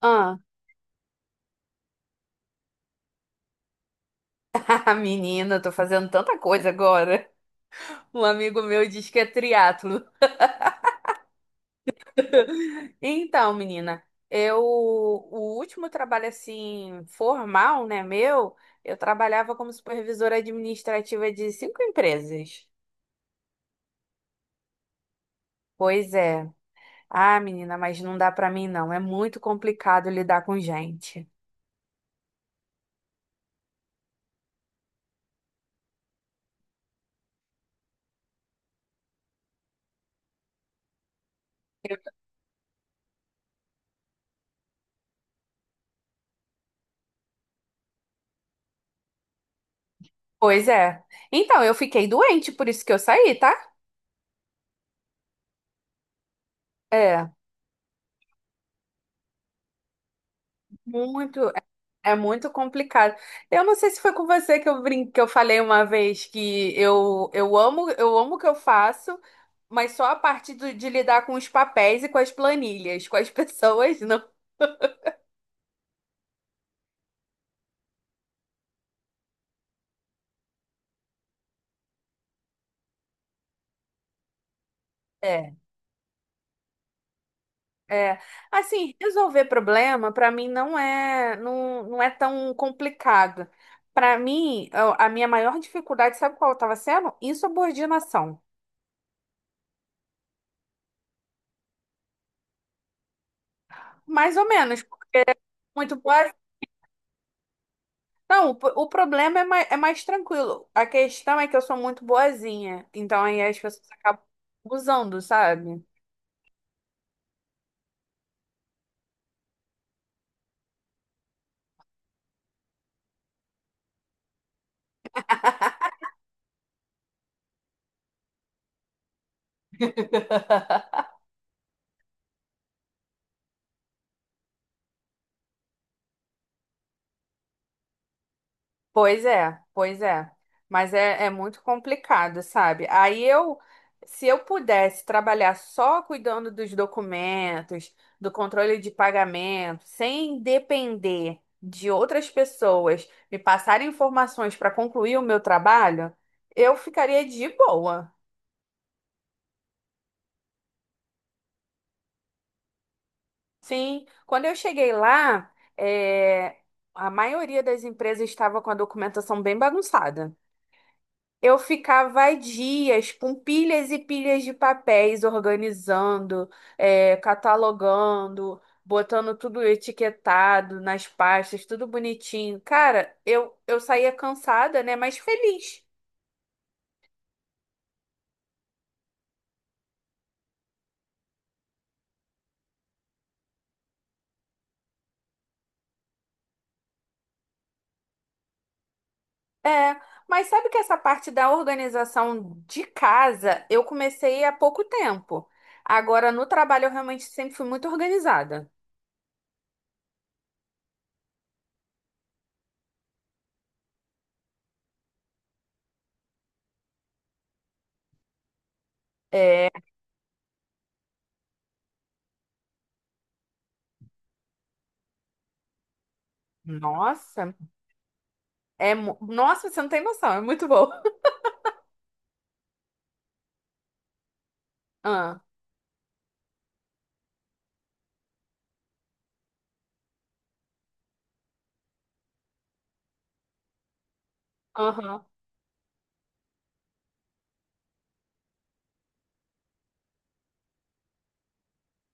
Ah, menina, tô fazendo tanta coisa agora. Um amigo meu diz que é triatlo. Então, menina, eu o último trabalho assim formal, né, meu, eu trabalhava como supervisora administrativa de cinco empresas. Pois é. Ah, menina, mas não dá pra mim não, é muito complicado lidar com gente. Pois é. Então, eu fiquei doente, por isso que eu saí, tá? É. Muito, é muito complicado. Eu não sei se foi com você que eu brinquei, que eu falei uma vez que eu amo, eu amo o que eu faço, mas só a parte de lidar com os papéis e com as planilhas, com as pessoas, não. É. É, assim, resolver problema para mim não é não, não é tão complicado. Para mim, a minha maior dificuldade, sabe qual estava sendo? Insubordinação. Mais ou menos, porque é muito boa. Não, o problema é mais tranquilo. A questão é que eu sou muito boazinha. Então aí as pessoas acabam abusando, sabe? Pois é, pois é. Mas é, é muito complicado, sabe? Aí eu, se eu pudesse trabalhar só cuidando dos documentos, do controle de pagamento, sem depender de outras pessoas me passarem informações para concluir o meu trabalho, eu ficaria de boa. Sim, quando eu cheguei lá, é, a maioria das empresas estava com a documentação bem bagunçada. Eu ficava dias com pilhas e pilhas de papéis, organizando, é, catalogando, botando tudo etiquetado nas pastas, tudo bonitinho. Cara, eu saía cansada, né? Mas feliz. É, mas sabe que essa parte da organização de casa eu comecei há pouco tempo. Agora, no trabalho, eu realmente sempre fui muito organizada. É, nossa, nossa, você não tem noção, é muito bom. Ah, aham,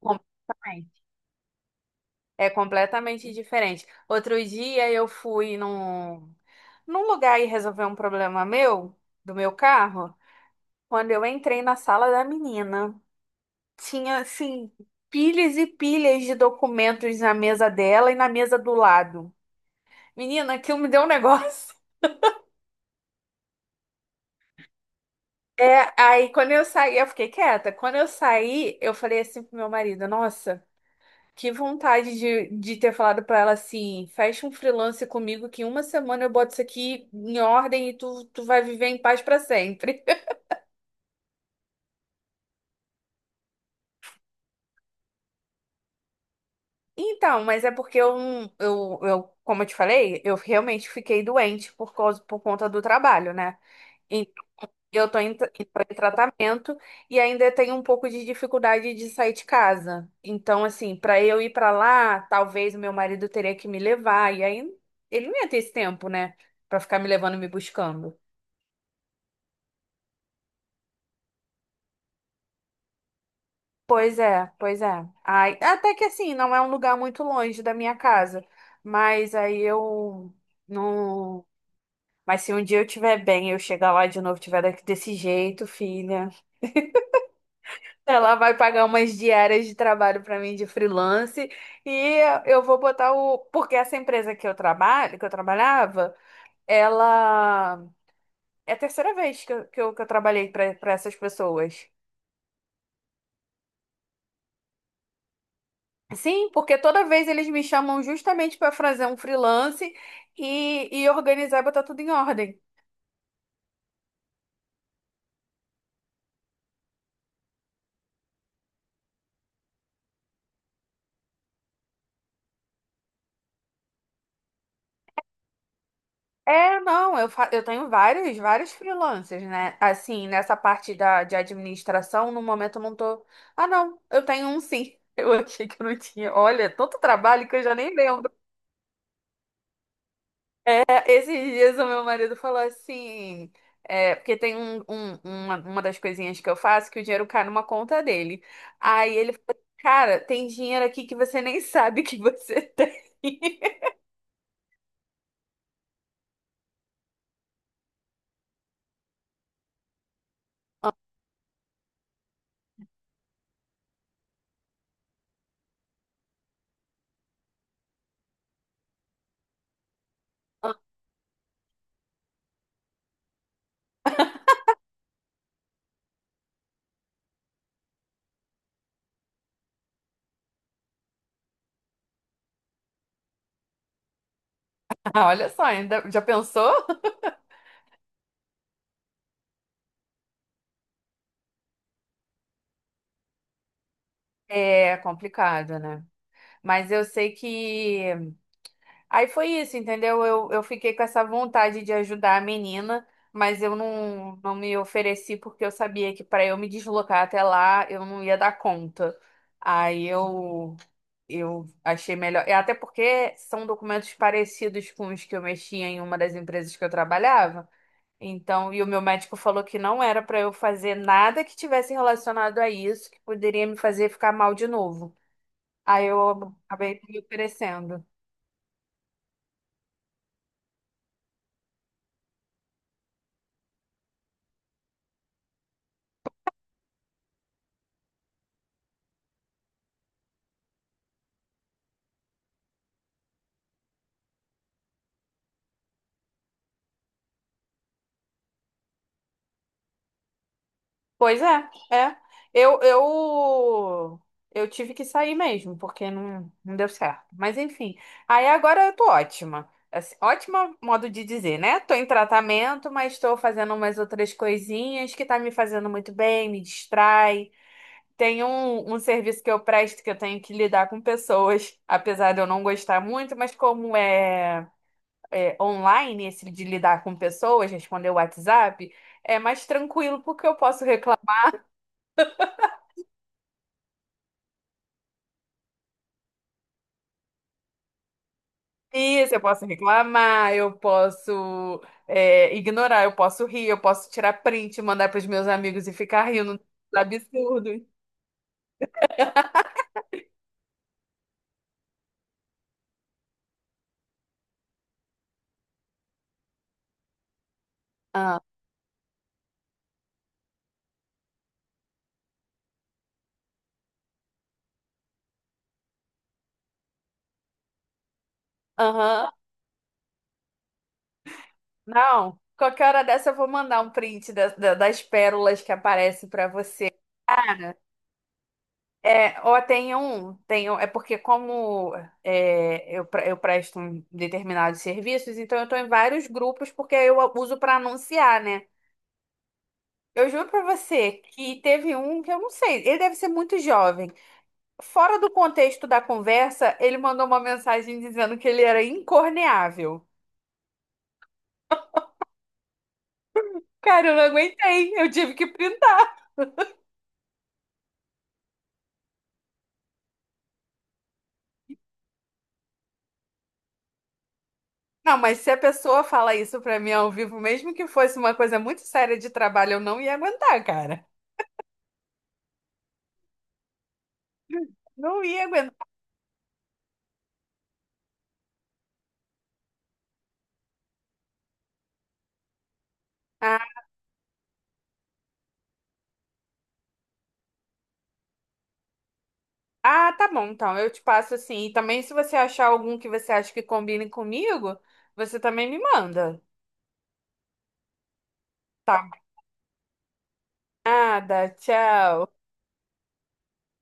completamente. É completamente diferente. Outro dia eu fui num lugar e resolver um problema meu, do meu carro, quando eu entrei na sala da menina. Tinha, assim, pilhas e pilhas de documentos na mesa dela e na mesa do lado. Menina, aquilo me deu um negócio. É, aí quando eu saí, eu fiquei quieta. Quando eu saí, eu falei assim pro meu marido, nossa, que vontade de ter falado pra ela assim, fecha um freelance comigo que em uma semana eu boto isso aqui em ordem e tu, tu vai viver em paz pra sempre. Então, mas é porque eu, não- eu, como eu te falei, eu realmente fiquei doente por causa, por conta do trabalho, né? E eu tô em tratamento e ainda tenho um pouco de dificuldade de sair de casa. Então, assim, para eu ir para lá, talvez o meu marido teria que me levar. E aí ele não ia ter esse tempo, né? Pra ficar me levando e me buscando. Pois é, pois é. Ai, até que assim, não é um lugar muito longe da minha casa. Mas aí eu não. Mas se um dia eu estiver bem, eu chegar lá de novo, tiver daqui desse jeito, filha. Ela vai pagar umas diárias de trabalho para mim de freelance e eu vou botar o. Porque essa empresa que eu trabalho, que eu trabalhava, ela. É a terceira vez que que eu trabalhei para essas pessoas. Sim, porque toda vez eles me chamam justamente para fazer um freelance e organizar e botar tudo em ordem. É, não, eu tenho vários, vários freelancers, né? Assim, nessa parte da, de administração, no momento eu não tô. Ah, não, eu tenho um sim. Eu achei que eu não tinha. Olha, é tanto trabalho que eu já nem lembro. É, esses dias o meu marido falou assim. É, porque tem uma das coisinhas que eu faço que o dinheiro cai numa conta dele. Aí ele falou: Cara, tem dinheiro aqui que você nem sabe que você tem. Ah, olha só, ainda já pensou? É complicado, né? Mas eu sei que. Aí foi isso, entendeu? Eu fiquei com essa vontade de ajudar a menina, mas eu não, não me ofereci porque eu sabia que para eu me deslocar até lá eu não ia dar conta. Aí eu achei melhor. E até porque são documentos parecidos com os que eu mexia em uma das empresas que eu trabalhava. Então, e o meu médico falou que não era para eu fazer nada que tivesse relacionado a isso, que poderia me fazer ficar mal de novo. Aí eu acabei me oferecendo. Pois é, é. Eu, eu, eu tive que sair mesmo, porque não, não deu certo. Mas enfim, aí agora eu tô ótima. Assim, ótima modo de dizer, né? Tô em tratamento, mas estou fazendo umas outras coisinhas que tá me fazendo muito bem, me distrai. Tem um serviço que eu presto que eu tenho que lidar com pessoas, apesar de eu não gostar muito, mas como é online, esse de lidar com pessoas, responder o WhatsApp, é mais tranquilo porque eu posso reclamar isso, eu posso reclamar, eu posso, é, ignorar, eu posso rir, eu posso tirar print, mandar para os meus amigos e ficar rindo dos absurdos. Aham. Não, qualquer hora dessa eu vou mandar um print das pérolas que aparecem para você. Cara, é, ou tem um, é porque como eu presto um determinados serviços, então eu estou em vários grupos porque eu uso para anunciar, né? Eu juro para você que teve um que eu não sei, ele deve ser muito jovem. Fora do contexto da conversa, ele mandou uma mensagem dizendo que ele era incorneável. Cara, eu não aguentei, eu tive que printar. Não, mas se a pessoa fala isso para mim ao vivo, mesmo que fosse uma coisa muito séria de trabalho, eu não ia aguentar, cara. Não ia aguentar. Ah, tá bom, então. Eu te passo assim. E também, se você achar algum que você acha que combine comigo, você também me manda. Tá? Nada, tchau.